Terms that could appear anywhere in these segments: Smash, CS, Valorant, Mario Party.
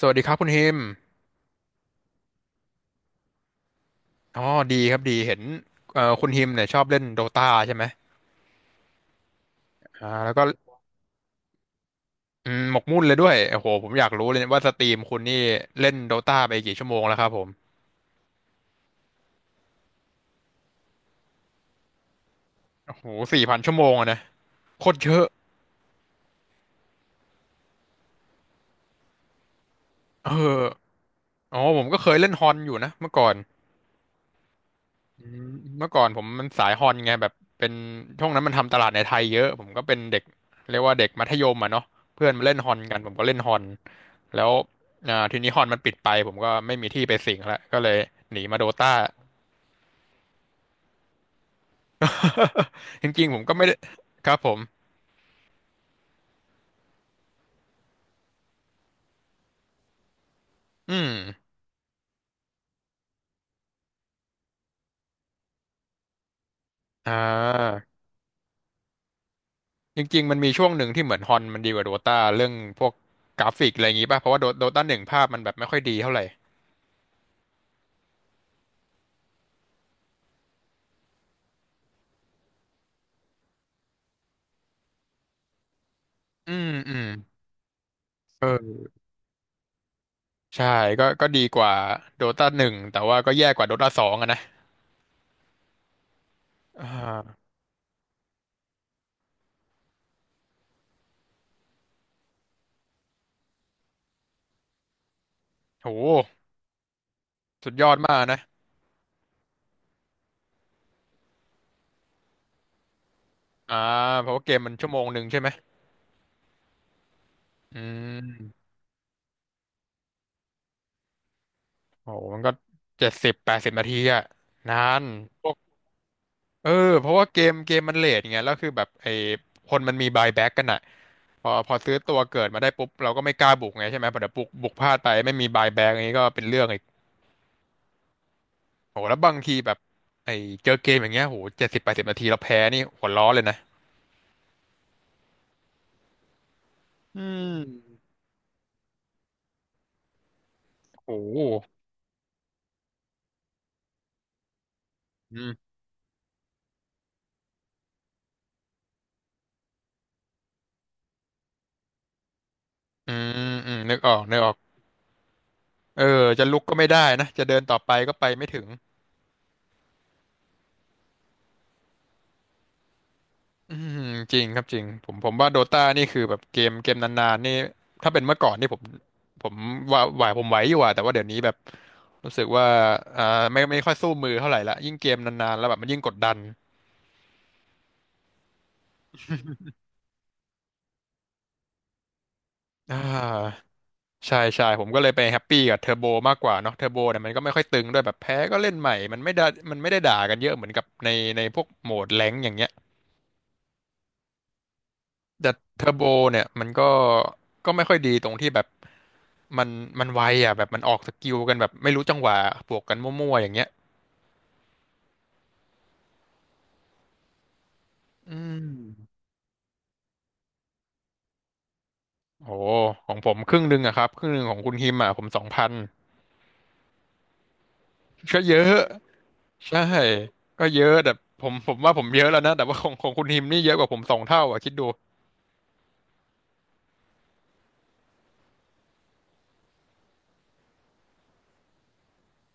สวัสดีครับคุณฮิมอ๋อดีครับดีเห็นคุณฮิมเนี่ยชอบเล่นโดตาใช่ไหมแล้วก็หมกมุ่นเลยด้วยโอ้โหผมอยากรู้เลยว่าสตรีมคุณนี่เล่นโดตาไปกี่ชั่วโมงแล้วครับผมโอ้โห4,000 ชั่วโมงอะนะโคตรเยอะเอออ๋อผมก็เคยเล่นฮอนอยู่นะเมื่อก่อน อืมเมื่อก่อนผมมันสายฮอนไงแบบเป็นช่วงนั้นมันทำตลาดในไทยเยอะผมก็เป็นเด็กเรียกว่าเด็กมัธยมอ่ะเนาะเพื่อนมาเล่นฮอนกันผมก็เล่นฮอนแล้วทีนี้ฮอนมันปิดไปผมก็ไม่มีที่ไปสิงแล้วก็เลยหนีมาโดตา จริงๆผมก็ไม่ได้ครับผมอืมอ่าจริงๆมันมีช่วงหนึ่งที่เหมือนฮอนมันดีกว่าโดตาเรื่องพวกกราฟิกอะไรอย่างงี้ป่ะเพราะว่าโดตาหนึ่งภาพมันแบบไม่ค่อยดีเท่าไหร่อืมอืมเออ ใช่ก็ดีกว่าโดตาหนึ่งแต่ว่าก็แย่กว่าโดตาสองอะนะอ่าโหสุดยอดมากนะอ่าเพราะว่าเกมมันชั่วโมงหนึ่งใช่ไหมอืมโหมันก็เจ็ดสิบแปดสิบนาทีอะนานพวกเออเพราะว่าเกมมันเลทไงแล้วคือแบบไอ้คนมันมีบายแบ็กกันอะพอซื้อตัวเกิดมาได้ปุ๊บเราก็ไม่กล้าบุกไงใช่ไหมพอเดี๋ยวบุกพลาดไปไม่มีบายแบ็กนี้ก็เป็นเรื่องอีกโหแล้วบางทีแบบไอ้เจอเกมอย่างเงี้ยโหเจ็ดสิบแปดสิบนาทีเราแพ้นี่หัวร้อนเลยนะอืม โอ้โหอืมอืมอืมนึกออกนึกออกเออจะลุกก็ไม่ได้นะ จะเดินต่อไปก็ไปไม่ถึงอืมจริงครับจริง ผมว่าโดตานี่คือแบบเกมนานๆนี่ ถ้าเป็นเมื่อก่อนนี่ผมผมว่าไหวอยู่อะแต่ว่าเดี๋ยวนี้แบบรู้สึกว่าอ่าไม่ค่อยสู้มือเท่าไหร่ละยิ่งเกมนานๆแล้วแบบมันยิ่งกดดันอ่าใช่ใช่ผมก็เลยไปแฮปปี้กับเทอร์โบมากกว่าเนาะเทอร์โบเนี่ยมันก็ไม่ค่อยตึงด้วยแบบแพ้ก็เล่นใหม่มันไม่ได้ด่ากันเยอะเหมือนกับในในพวกโหมดแรงค์อย่างเงี้ย แต่เทอร์โบเนี่ยมันก็ไม่ค่อยดีตรงที่แบบมันมันไวอ่ะแบบมันออกสกิลกันแบบไม่รู้จังหวะบวกกันมั่วๆอย่างเงี้ยอืมโอ้ของผมครึ่งหนึ่งอะครับครึ่งหนึ่งของคุณฮิมอะผม2,000ก็เยอะใช่ก็เยอะแต่ผมว่าผมเยอะแล้วนะแต่ว่าของของคุณฮิมนี่เยอะกว่าผม2 เท่าอะคิดดู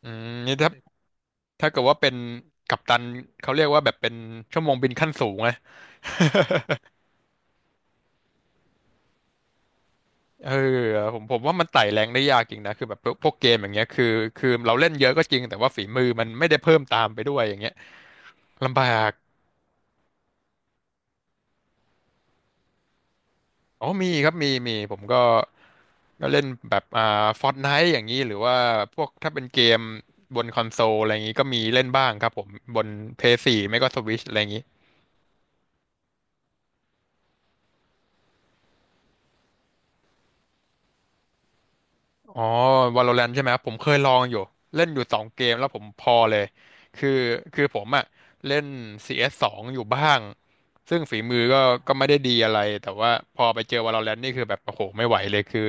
อืมนี่ถ้าถ้าเกิดว่าเป็นกัปตันเขาเรียกว่าแบบเป็นชั่วโมงบินขั้นสูงไง เออผมว่ามันไต่แรงได้ยากจริงนะคือแบบพวกเกมอย่างเงี้ยคือเราเล่นเยอะก็จริงแต่ว่าฝีมือมันไม่ได้เพิ่มตามไปด้วยอย่างเงี้ยลำบากอ๋อมีครับมีผมก็เล่นแบบฟอร์ตไนท์อย่างนี้หรือว่าพวกถ้าเป็นเกมบนคอนโซลอะไรอย่างนี้ก็มีเล่นบ้างครับผมบนเพย์สีไม่ก็สวิชอะไรอย่างนี้ อ๋อ Valorant ใช่ไหมครับผมเคยลองอยู่เล่นอยู่2 เกมแล้วผมพอเลยคือคือผมอะเล่น CS สสองอยู่บ้างซึ่งฝีมือก็ก็ไม่ได้ดีอะไรแต่ว่าพอไปเจอ Valorant นี่คือแบบโอ้โหไม่ไหวเลยคือ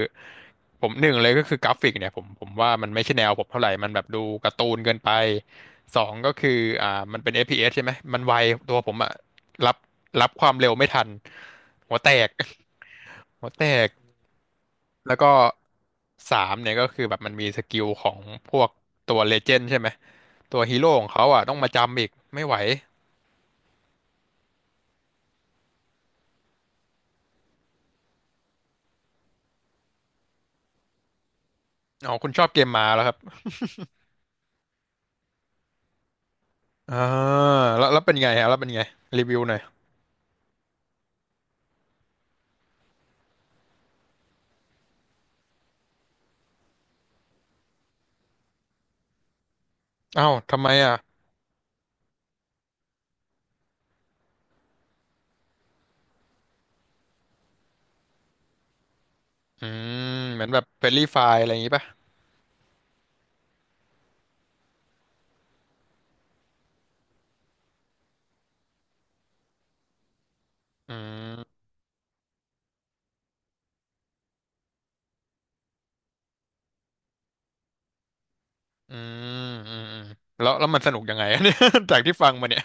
ผมหนึ่งเลยก็คือกราฟิกเนี่ยผมว่ามันไม่ใช่แนวผมเท่าไหร่มันแบบดูการ์ตูนเกินไปสองก็คืออ่ามันเป็นเ p s ใช่ไหมมันไวตัวผมอะรับรับความเร็วไม่ทันหัวแตก หัวแตก แล้วก็สามเนี่ยก็คือแบบมันมีสกิลของพวกตัวเลเจนด์ใช่ไหมตัวฮีโร่ของเขาอ่ะต้องมาจำอีกไม่ไหวอ๋อคุณชอบเกมมาแล้วครับอ่าแล้วแล้วเป็นไงฮะแล้วเป็นไงรีวิวหน่อยอ้าวทำไมอ่ะอืมเหมือนแบบเฟรนลี่ไฟล์อะไรอย่างงี้ป่ะอืมอืมอืมอืมแล้วมันสนุกยังไงอะ เนี่ย จากที่ฟังมาเนี่ย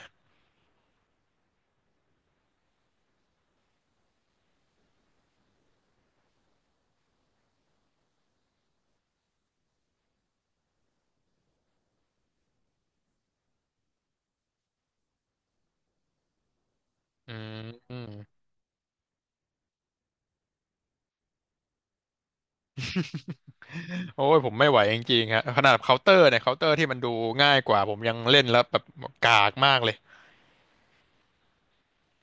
อืมอืมโอ้ยผมไม่ไหวจริงๆฮะขนาดเคาน์เตอร์เนี่ยเคาน์เตอร์ที่มันดูง่ายกว่าผมยังเล่นแล้วแบบกากมากเลย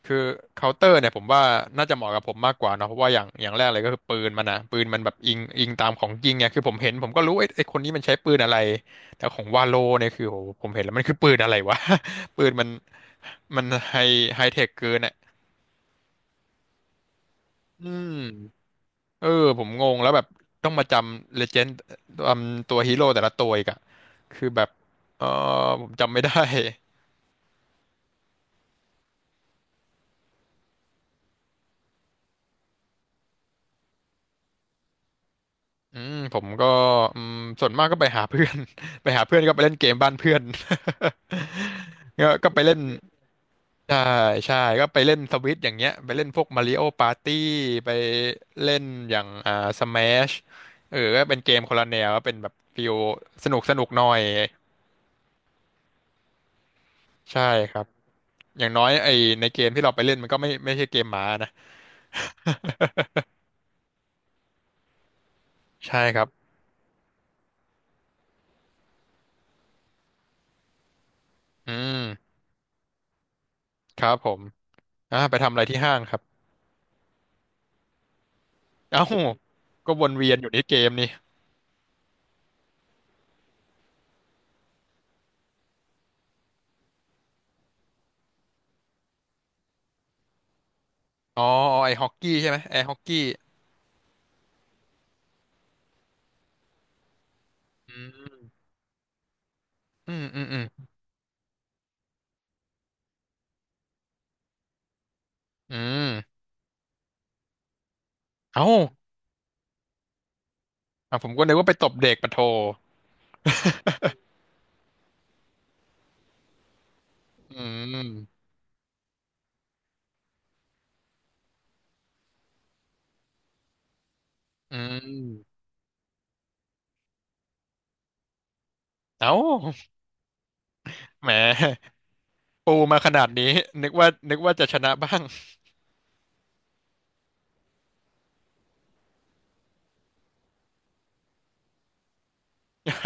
คือเคาน์เตอร์เนี่ยผมว่าน่าจะเหมาะกับผมมากกว่าเนอะเพราะว่าอย่างแรกเลยก็คือปืนมันนะปืนมันแบบอิงตามของจริงไงคือผมเห็นผมก็รู้ไอ้คนนี้มันใช้ปืนอะไรแต่ของวาโลเนี่ยคือโหผมเห็นแล้วมันคือปืนอะไรวะ ปืนมันไฮไฮเทคเกินอ่ะอืมเออผมงงแล้วแบบต้องมาจำเลเจนด์ตัวฮีโร่แต่ละตัวอีกอะคือแบบเออผมจำไม่ได้ อืมผมก็อืมส่วนมากก็ไปหาเพื่อน ไปหาเพื่อนก็ไปเล่นเกมบ้านเพื่อน ก็ไปเล่นใช่ใช่ก็ไปเล่นสวิตอย่างเงี้ยไปเล่นพวกมาริโอปาร์ตี้ไปเล่นอย่างสแมชเออก็เป็นเกมคนละแนวก็เป็นแบบฟิลสนุกหน่อยใช่ครับอย่างน้อยไอในเกมที่เราไปเล่นมันก็ไม่ใช่เกมหมานะ ใช่ครับอืมครับผมอ่าไปทำอะไรที่ห้างครับ เอ้าก็วนเวียนอยู่ในเกมนี่อ๋อไอฮอกกี้ใช่ไหมไอฮอกกี้อืมอืมอืมอืมอืมเอ้าอ่ะผมก็นึกว่าไปตบเด็กปะโท อืมอืมเอ้าแหมปูมาขนาดนี้นึกว่าจะชนะบ้าง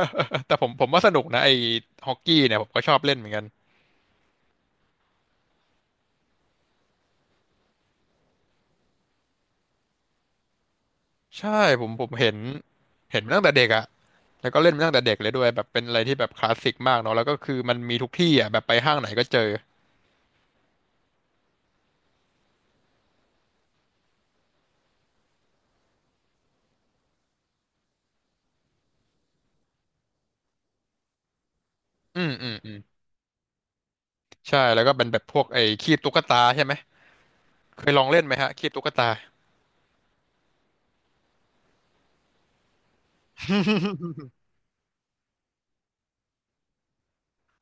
แต่ผมว่าสนุกนะไอ้ฮอกกี้เนี่ยผมก็ชอบเล่นเหมือนกันใช่ผมเห็นเห็นมาตั้งแต่เด็กอะแล้วก็เล่นมาตั้งแต่เด็กเลยด้วยแบบเป็นอะไรที่แบบคลาสสิกมากเนาะแล้วก็คือมันมีทุกที่อะแบบไปห้างไหนก็เจออืมอืมอืม ใช่แล้วก็เป็นแบบพวกไอ้คีบตุ๊กตาใช่ไหมเคยลองเล่นไหมฮะคีบตุ๊กตา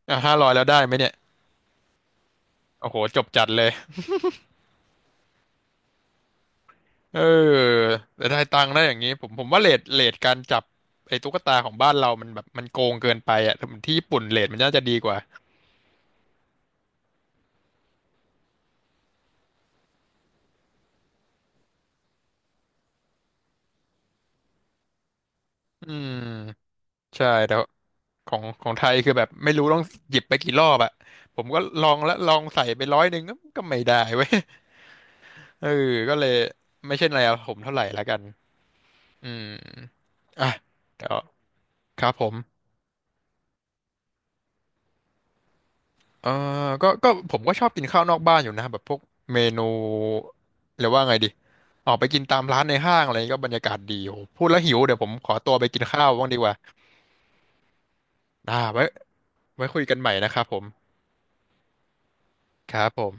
อ่ะ500แล้วได้ไหมเนี่ยโอ้โหจบจัดเลยเออแต่ได้ตังค์ได้อย่างนี้ผมว่าเรทการจับไอ้ตุ๊กตาของบ้านเรามันแบบมันโกงเกินไปอ่ะถ้ามันที่ญี่ปุ่นเรทมันน่าจะดีกว่าอืมใช่แต่ของไทยคือแบบไม่รู้ต้องหยิบไปกี่รอบอ่ะผมก็ลองแล้วลองใส่ไป100ก็ก็ไม่ได้เว้ยเออก็เลยไม่ใช่แนวผมเท่าไหร่ละกันอืมอ่ะเดี๋ยวครับผม เออก็ผมก็ชอบกินข้าวนอกบ้านอยู่นะแบบพวกเมนูเรียกว่าไงดีออกไปกินตามร้านในห้างอะไรก็บรรยากาศดีโอ้โหพูดแล้วหิวเดี๋ยวผมขอตัวไปกินข้าวบ้างดีกว่าอ่าไว้คุยกันใหม่นะครับผมครับผม